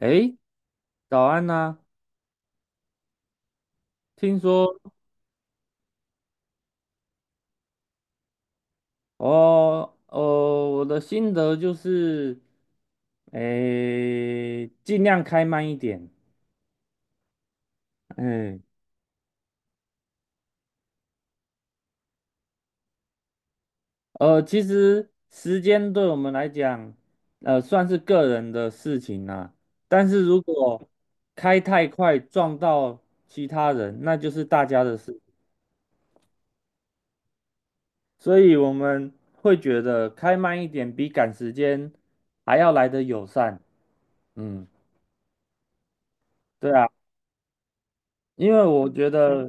诶，早安呐、听说哦哦，我的心得就是，诶，尽量开慢一点。嗯，其实时间对我们来讲，算是个人的事情啦、但是如果开太快撞到其他人，那就是大家的事。所以我们会觉得开慢一点比赶时间还要来得友善。嗯，对啊。因为我觉得，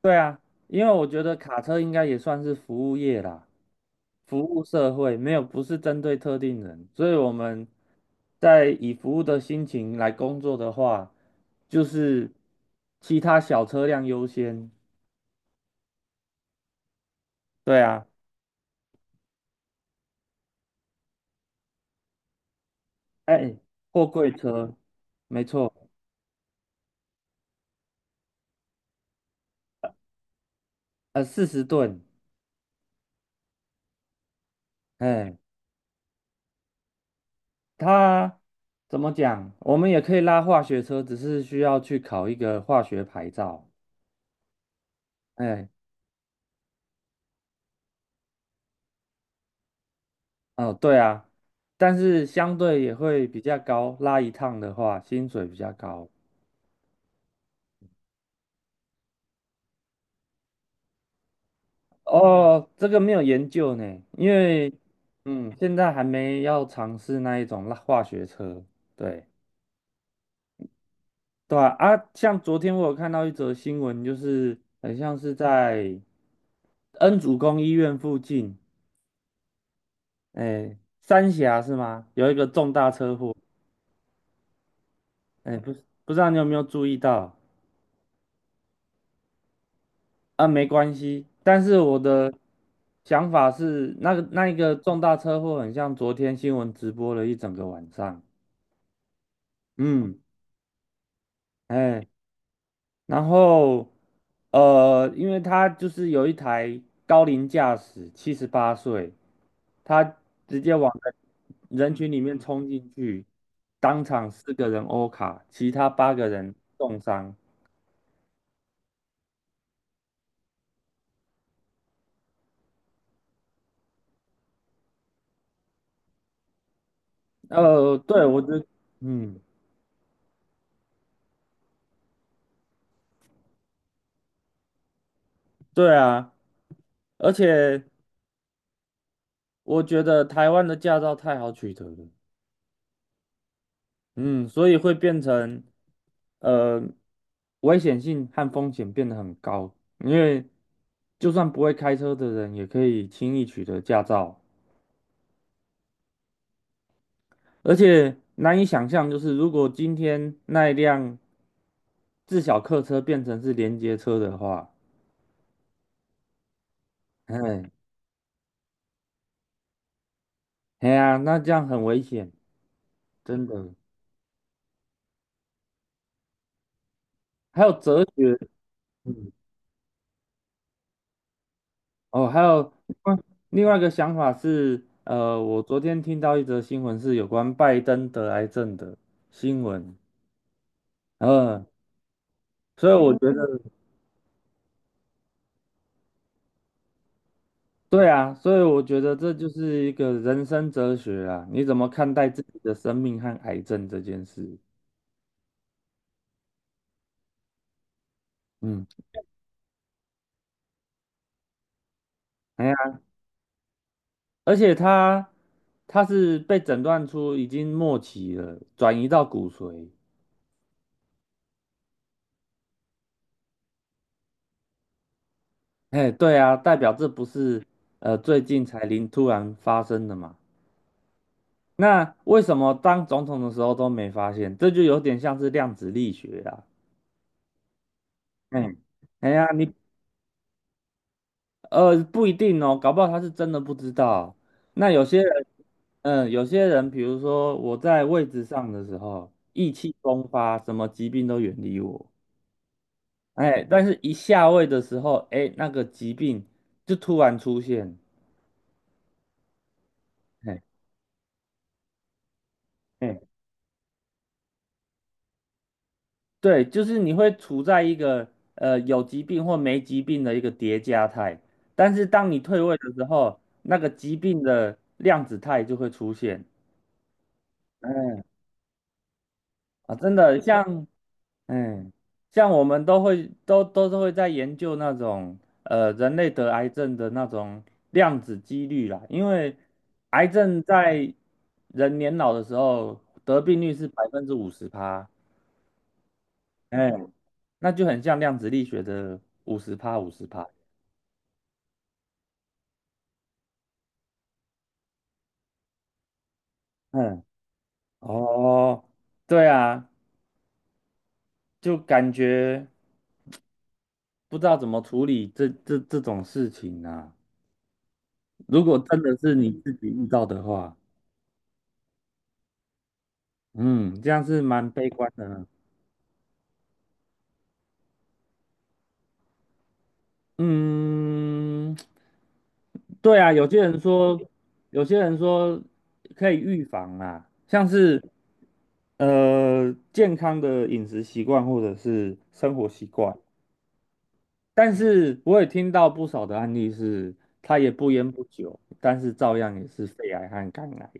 对啊，因为我觉得卡车应该也算是服务业啦，服务社会，没有，不是针对特定人，所以我们在以服务的心情来工作的话，就是其他小车辆优先。对啊，哎，货柜车，没错，40吨，哎，它怎么讲？我们也可以拉化学车，只是需要去考一个化学牌照。哎。哦，对啊，但是相对也会比较高，拉一趟的话，薪水比较高。哦，这个没有研究呢，因为现在还没要尝试那一种拉化学车。对，对啊，啊，像昨天我有看到一则新闻，就是很像是在恩主公医院附近，哎，三峡是吗？有一个重大车祸，哎，不知道你有没有注意到？啊，没关系。但是我的想法是，那一个重大车祸很像昨天新闻直播了一整个晚上。嗯，哎，然后因为他就是有一台高龄驾驶，78岁，他直接往人群里面冲进去，当场四个人欧卡，其他八个人重伤。对，我觉得，嗯，对啊，而且。我觉得台湾的驾照太好取得了，嗯，所以会变成呃危险性和风险变得很高，因为就算不会开车的人也可以轻易取得驾照，而且难以想象，就是如果今天那一辆自小客车变成是连接车的话，哎，哎呀，那这样很危险，真的。还有哲学，嗯哦，还有嗯另外一个想法是，我昨天听到一则新闻是有关拜登得癌症的新闻，呃，所以我觉得，对啊，所以我觉得这就是一个人生哲学啊，你怎么看待自己的生命和癌症这件事？嗯，哎呀，而且他是被诊断出已经末期了，转移到骨髓，哎，对啊，代表这不是最近才突然发生的嘛。那为什么当总统的时候都没发现？这就有点像是量子力学啊。嗯，哎呀，你不一定哦，搞不好他是真的不知道。那有些人，嗯，有些人，比如说我在位置上的时候，意气风发，什么疾病都远离我。哎，但是一下位的时候，哎，那个疾病就突然出现。哎哎。对，就是你会处在一个有疾病或没疾病的一个叠加态，但是当你退位的时候，那个疾病的量子态就会出现。嗯啊，真的嗯像我们都是会在研究那种人类得癌症的那种量子几率啦，因为癌症在人年老的时候得病率是50%趴，哎，那就很像量子力学的五十趴五十趴。嗯，哦，对啊，就感觉不知道怎么处理这种事情啊。如果真的是你自己遇到的话，嗯，这样是蛮悲观的嗯，对啊，有些人说，有些人说可以预防啊，像是健康的饮食习惯或者是生活习惯，但是我也听到不少的案例是，他也不烟不酒，但是照样也是肺癌和肝癌。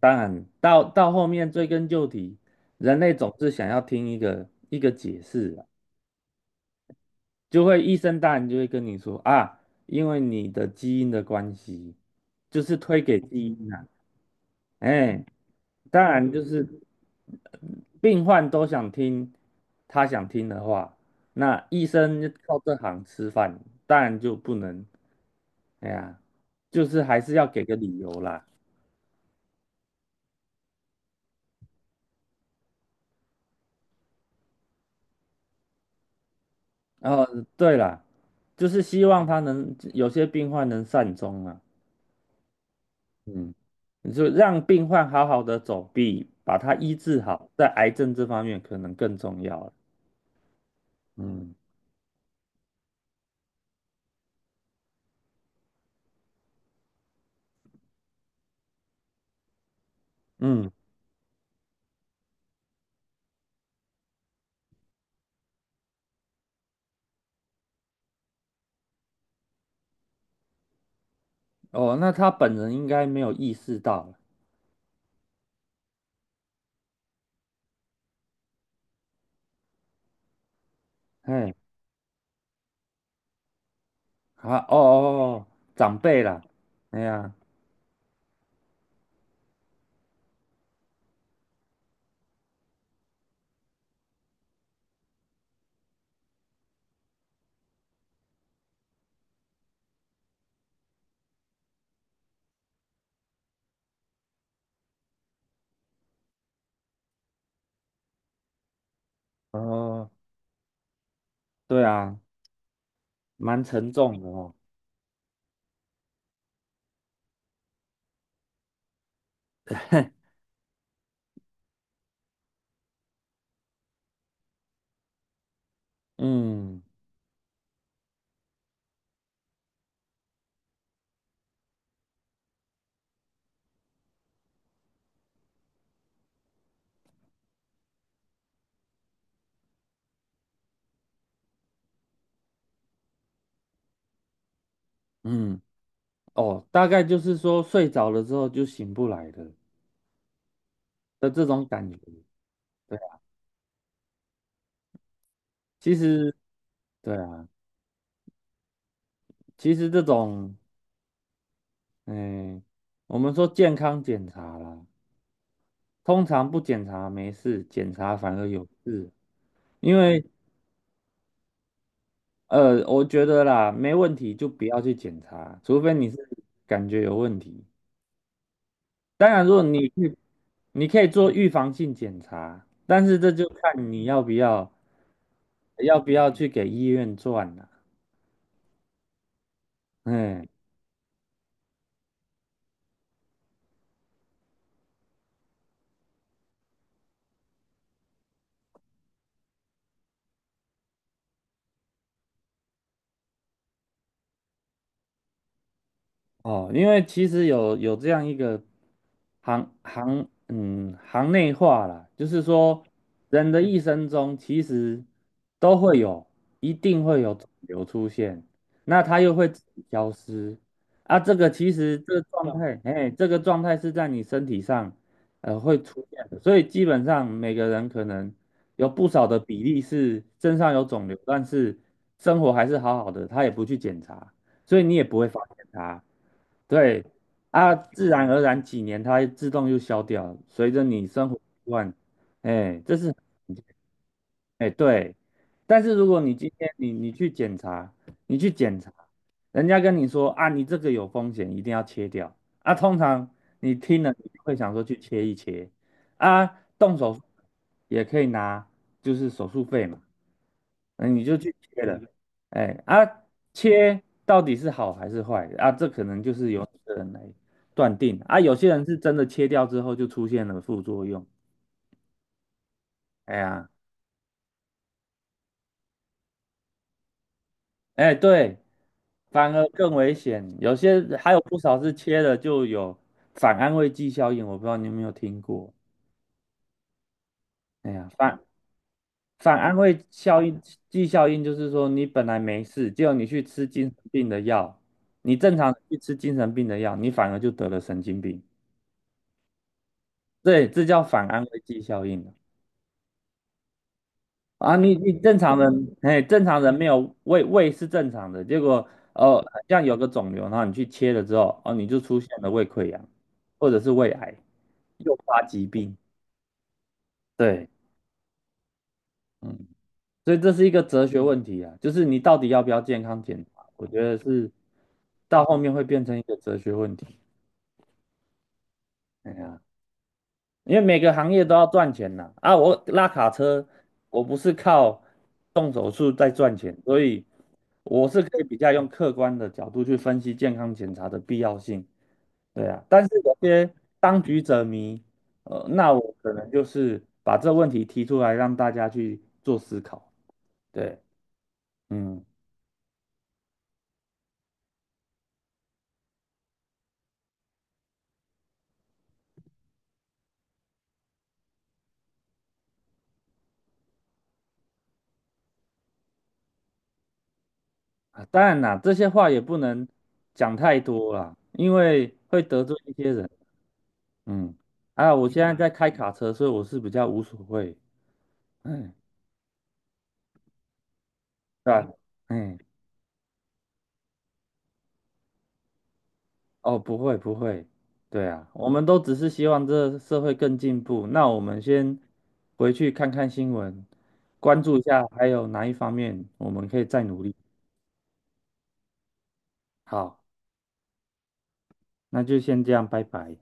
当然，到后面追根究底，人类总是想要听一个一个解释啊，就会医生当然就会跟你说啊，因为你的基因的关系，就是推给基因啊。哎，当然就是病患都想听他想听的话，那医生就靠这行吃饭，当然就不能，哎呀，就是还是要给个理由啦。哦，对啦，就是希望他能有些病患能善终啊，嗯，你就让病患好好的走，比把他医治好，在癌症这方面可能更重要了。嗯嗯，哦，那他本人应该没有意识到了，嘿啊，哦哦哦，哦长辈啦，哎呀，哦，对啊，蛮沉重的哦，嗯嗯，哦，大概就是说睡着了之后就醒不来了的这种感觉，对啊其实对啊，其实这种，嗯，我们说健康检查啦，通常不检查没事，检查反而有事，因为我觉得啦，没问题就不要去检查，除非你是感觉有问题。当然，如果你去，你可以做预防性检查，但是这就看你要不要要不要去给医院转了、嗯，哦，因为其实有这样一个行内话啦，就是说人的一生中其实都会有，一定会有肿瘤出现，那它又会自己消失啊。这个其实这个状态，哎，这个状态是在你身体上会出现的，所以基本上每个人可能有不少的比例是身上有肿瘤，但是生活还是好好的，他也不去检查。所以你也不会发现它。对啊，自然而然几年它自动就消掉了随着你生活习惯，哎，这是很哎对。但是如果你今天你去检查，你去检查，人家跟你说啊，你这个有风险，一定要切掉啊。通常你听了你就会想说去切一切啊，动手术也可以拿，就是手术费嘛。嗯，你就去切了，哎啊，切到底是好还是坏啊？这可能就是由个人来断定啊。有些人是真的切掉之后就出现了副作用，哎呀，哎对，反而更危险。有些还有不少是切了就有反安慰剂效应，我不知道你有没有听过。哎呀，反安慰剂效应就是说，你本来没事，结果你去吃精神病的药，你正常去吃精神病的药，你反而就得了神经病。对，这叫反安慰剂效应啊！啊你正常人，哎，正常人没有胃是正常的，结果哦，像有个肿瘤，然后你去切了之后，哦，你就出现了胃溃疡或者是胃癌，诱发疾病。对，嗯，所以这是一个哲学问题啊，就是你到底要不要健康检查？我觉得是到后面会变成一个哲学问题。哎呀。因为每个行业都要赚钱呐。啊，我拉卡车，我不是靠动手术在赚钱，所以我是可以比较用客观的角度去分析健康检查的必要性。对啊，但是有些当局者迷，那我可能就是把这问题提出来让大家去做思考。对，嗯，啊，当然啦，这些话也不能讲太多啦，因为会得罪一些人。嗯，啊，我现在在开卡车，所以我是比较无所谓。嗯，对吧？嗯，哦，不会不会，对啊，我们都只是希望这个社会更进步。那我们先回去看看新闻，关注一下还有哪一方面我们可以再努力。好，那就先这样，拜拜。